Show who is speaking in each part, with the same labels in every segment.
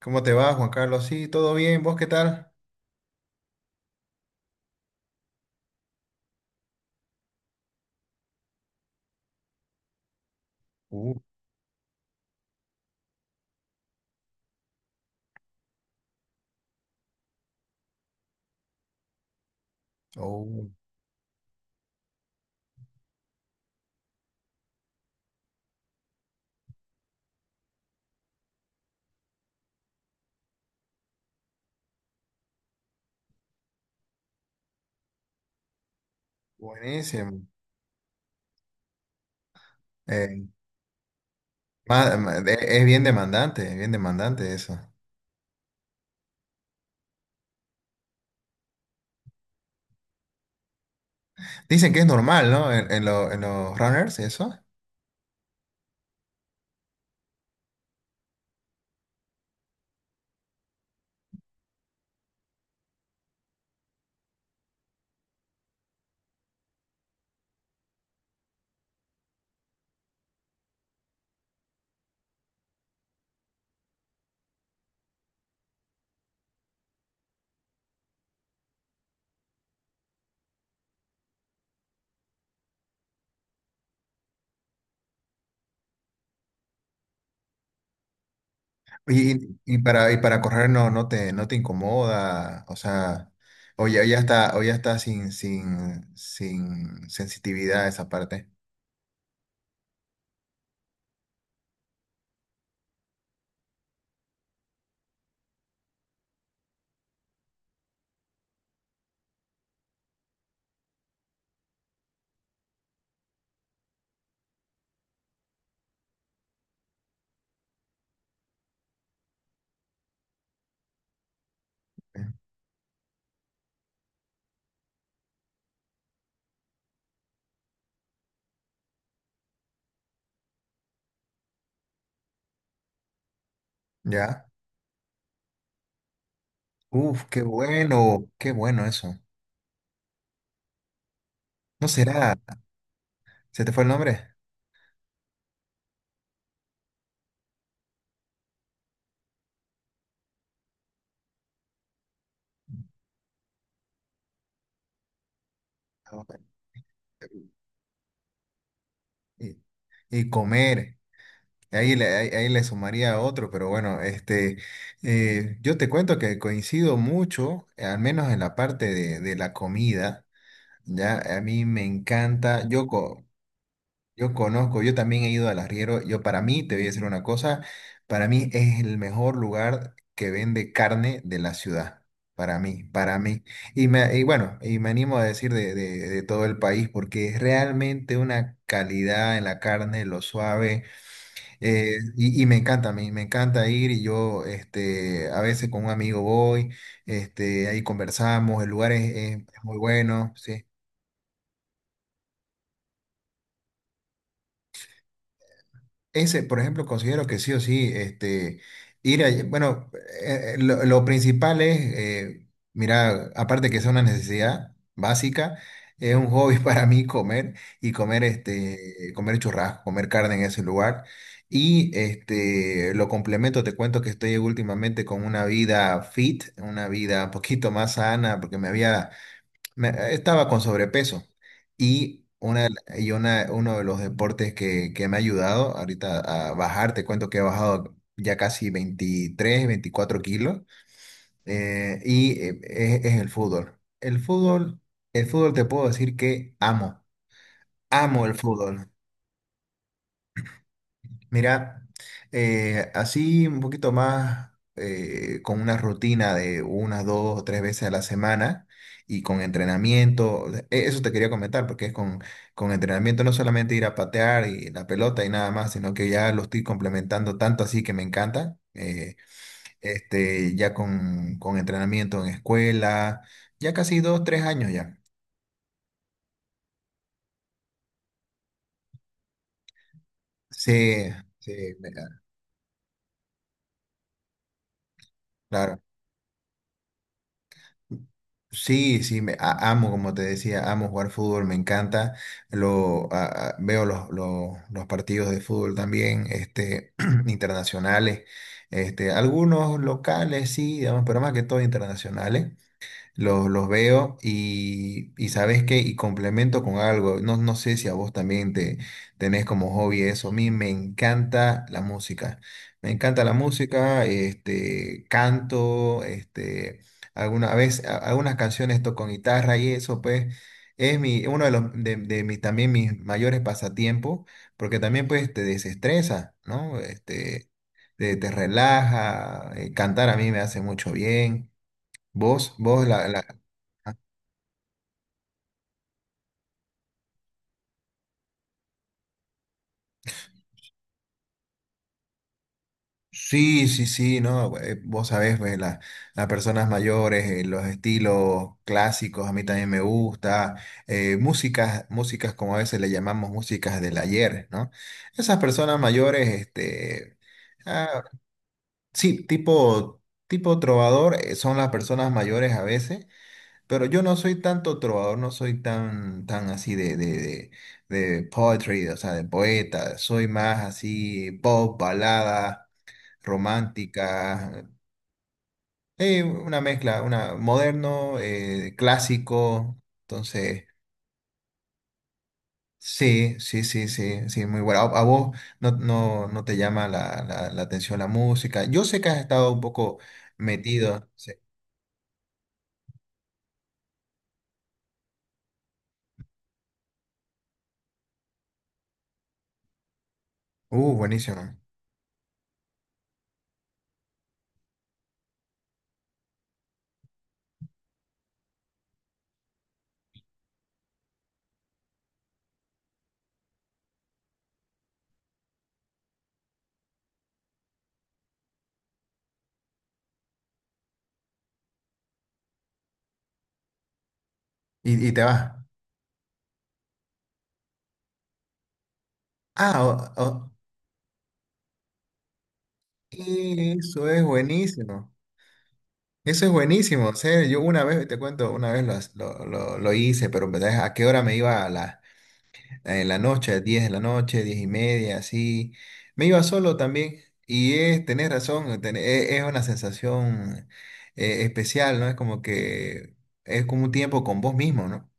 Speaker 1: ¿Cómo te va, Juan Carlos? Sí, todo bien. ¿Vos qué tal? Uh, oh, buenísimo. Eh, es bien demandante, es bien demandante eso. Dicen que es normal, ¿no? En los runners, eso. Y para correr no te incomoda, o sea, o ya está sin sensitividad esa parte. ¿Eh? ¿Ya? Uf, qué bueno eso. ¿No será? ¿Se te fue el nombre? Ah, bueno. Y, y comer. Ahí le sumaría otro, pero bueno, este, yo te cuento que coincido mucho, al menos en la parte de la comida, ya, a mí me encanta, yo conozco, yo también he ido al arriero, yo para mí, te voy a decir una cosa, para mí es el mejor lugar que vende carne de la ciudad, para mí, y bueno, y me animo a decir de todo el país, porque es realmente una calidad en la carne, lo suave. Y me encanta, me encanta ir y yo este, a veces con un amigo voy, este, ahí conversamos, el lugar es muy bueno, sí. Ese, por ejemplo, considero que sí o sí, este, ir a, bueno, lo principal es, mira, aparte que es una necesidad básica, es un hobby para mí comer y comer, este, comer churrasco, comer carne en ese lugar. Y este, lo complemento, te cuento que estoy últimamente con una vida fit, una vida un poquito más sana, porque me había estaba con sobrepeso y uno de los deportes que me ha ayudado ahorita a bajar, te cuento que he bajado ya casi 23 24 kilos. Es el fútbol. El fútbol te puedo decir que amo, amo el fútbol. Mira, así un poquito más, con una rutina de unas 2 o 3 veces a la semana y con entrenamiento. Eso te quería comentar porque es con entrenamiento, no solamente ir a patear y la pelota y nada más, sino que ya lo estoy complementando tanto así que me encanta, este, ya con entrenamiento en escuela, ya casi 2, 3 años ya. Sí, sí, me- claro. Sí, sí, amo, como te decía, amo jugar fútbol, me encanta. Veo los partidos de fútbol también, este, internacionales, este, algunos locales, sí, digamos, pero más que todo internacionales. Los veo y sabes qué, y complemento con algo, no, no sé si a vos también te tenés como hobby eso. A mí me encanta la música, me encanta la música, este, canto, este, alguna vez, algunas canciones toco con guitarra y eso pues es uno de mis, también mis mayores pasatiempos, porque también pues te desestresa, ¿no? Este, te relaja, cantar a mí me hace mucho bien. Vos, vos la, la- Sí, sí, sí, no, vos sabés, pues, las personas mayores, los estilos clásicos, a mí también me gusta, músicas, músicas como a veces le llamamos músicas del ayer, ¿no? Esas personas mayores, este, ah, sí, tipo, tipo trovador, son las personas mayores a veces, pero yo no soy tanto trovador, no soy tan así de poetry, o sea, de poeta, soy más así pop, balada romántica, una mezcla, una moderno, clásico. Entonces, sí, sí, sí, sí, sí, muy bueno. A vos no te llama la atención la música. Yo sé que has estado un poco metido. Sí. Buenísimo. Y te vas. Ah, o- o- Eso es buenísimo. Eso es buenísimo. O sea, yo una vez, te cuento, una vez lo hice, pero en verdad, ¿a qué hora me iba? A las En la noche, diez 10 de la noche, 10:30, así. Me iba solo también. Y es, tenés razón, una sensación especial, ¿no? Es como que es como un tiempo con vos mismo, ¿no?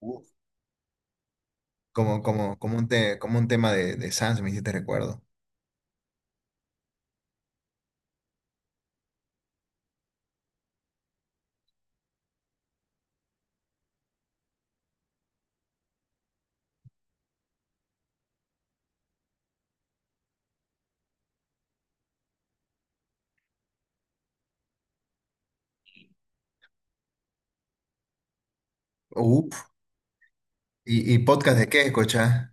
Speaker 1: Uf. Como un tema de Sans, me hiciste recuerdo. Uf. ¿Y podcast de qué escuchás?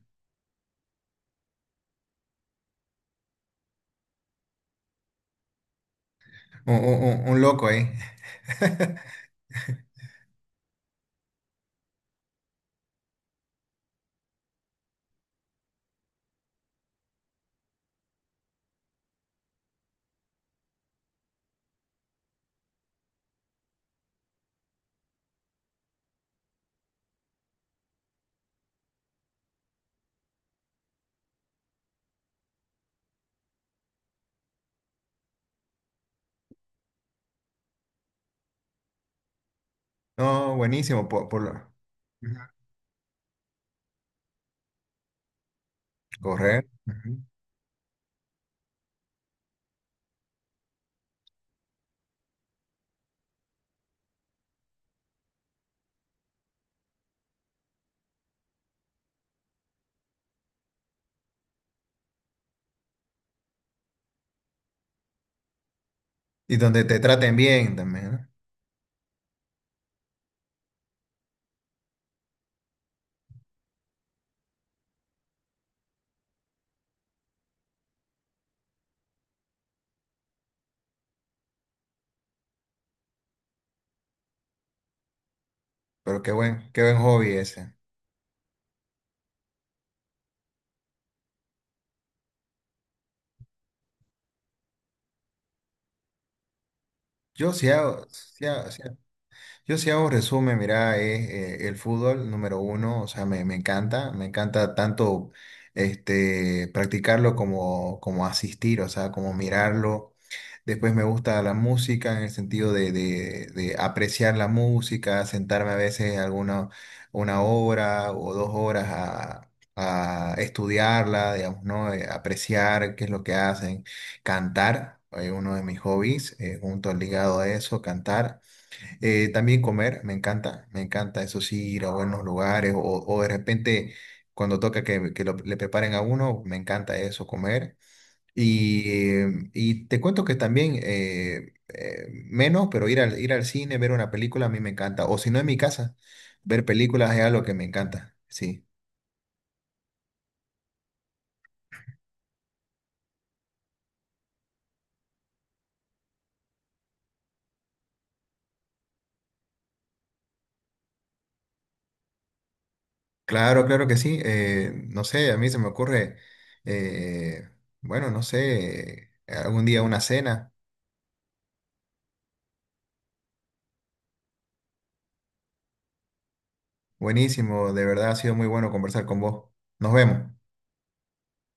Speaker 1: Un loco ahí. No, buenísimo. Ujú. Correr. Ujú. Y donde te traten bien también, ¿no? Pero qué buen hobby ese. Yo si hago, si hago- si hago- yo si hago resumen, mira, es el fútbol número uno, o sea, me encanta, me encanta tanto este, practicarlo como, como asistir, o sea, como mirarlo. Después me gusta la música en el sentido de apreciar la música, sentarme a veces alguna 1 hora o 2 horas a estudiarla, digamos, ¿no? Apreciar qué es lo que hacen. Cantar, uno de mis hobbies, junto ligado a eso, cantar. También comer, me encanta eso sí, ir a buenos lugares o de repente cuando toca que le preparen a uno, me encanta eso, comer. Y, y te cuento que también, menos, pero ir al cine, ver una película a mí me encanta. O si no en mi casa, ver películas es algo que me encanta. Sí, claro, claro que sí. No sé, a mí se me ocurre, eh, bueno, no sé, algún día una cena. Buenísimo, de verdad ha sido muy bueno conversar con vos. Nos vemos.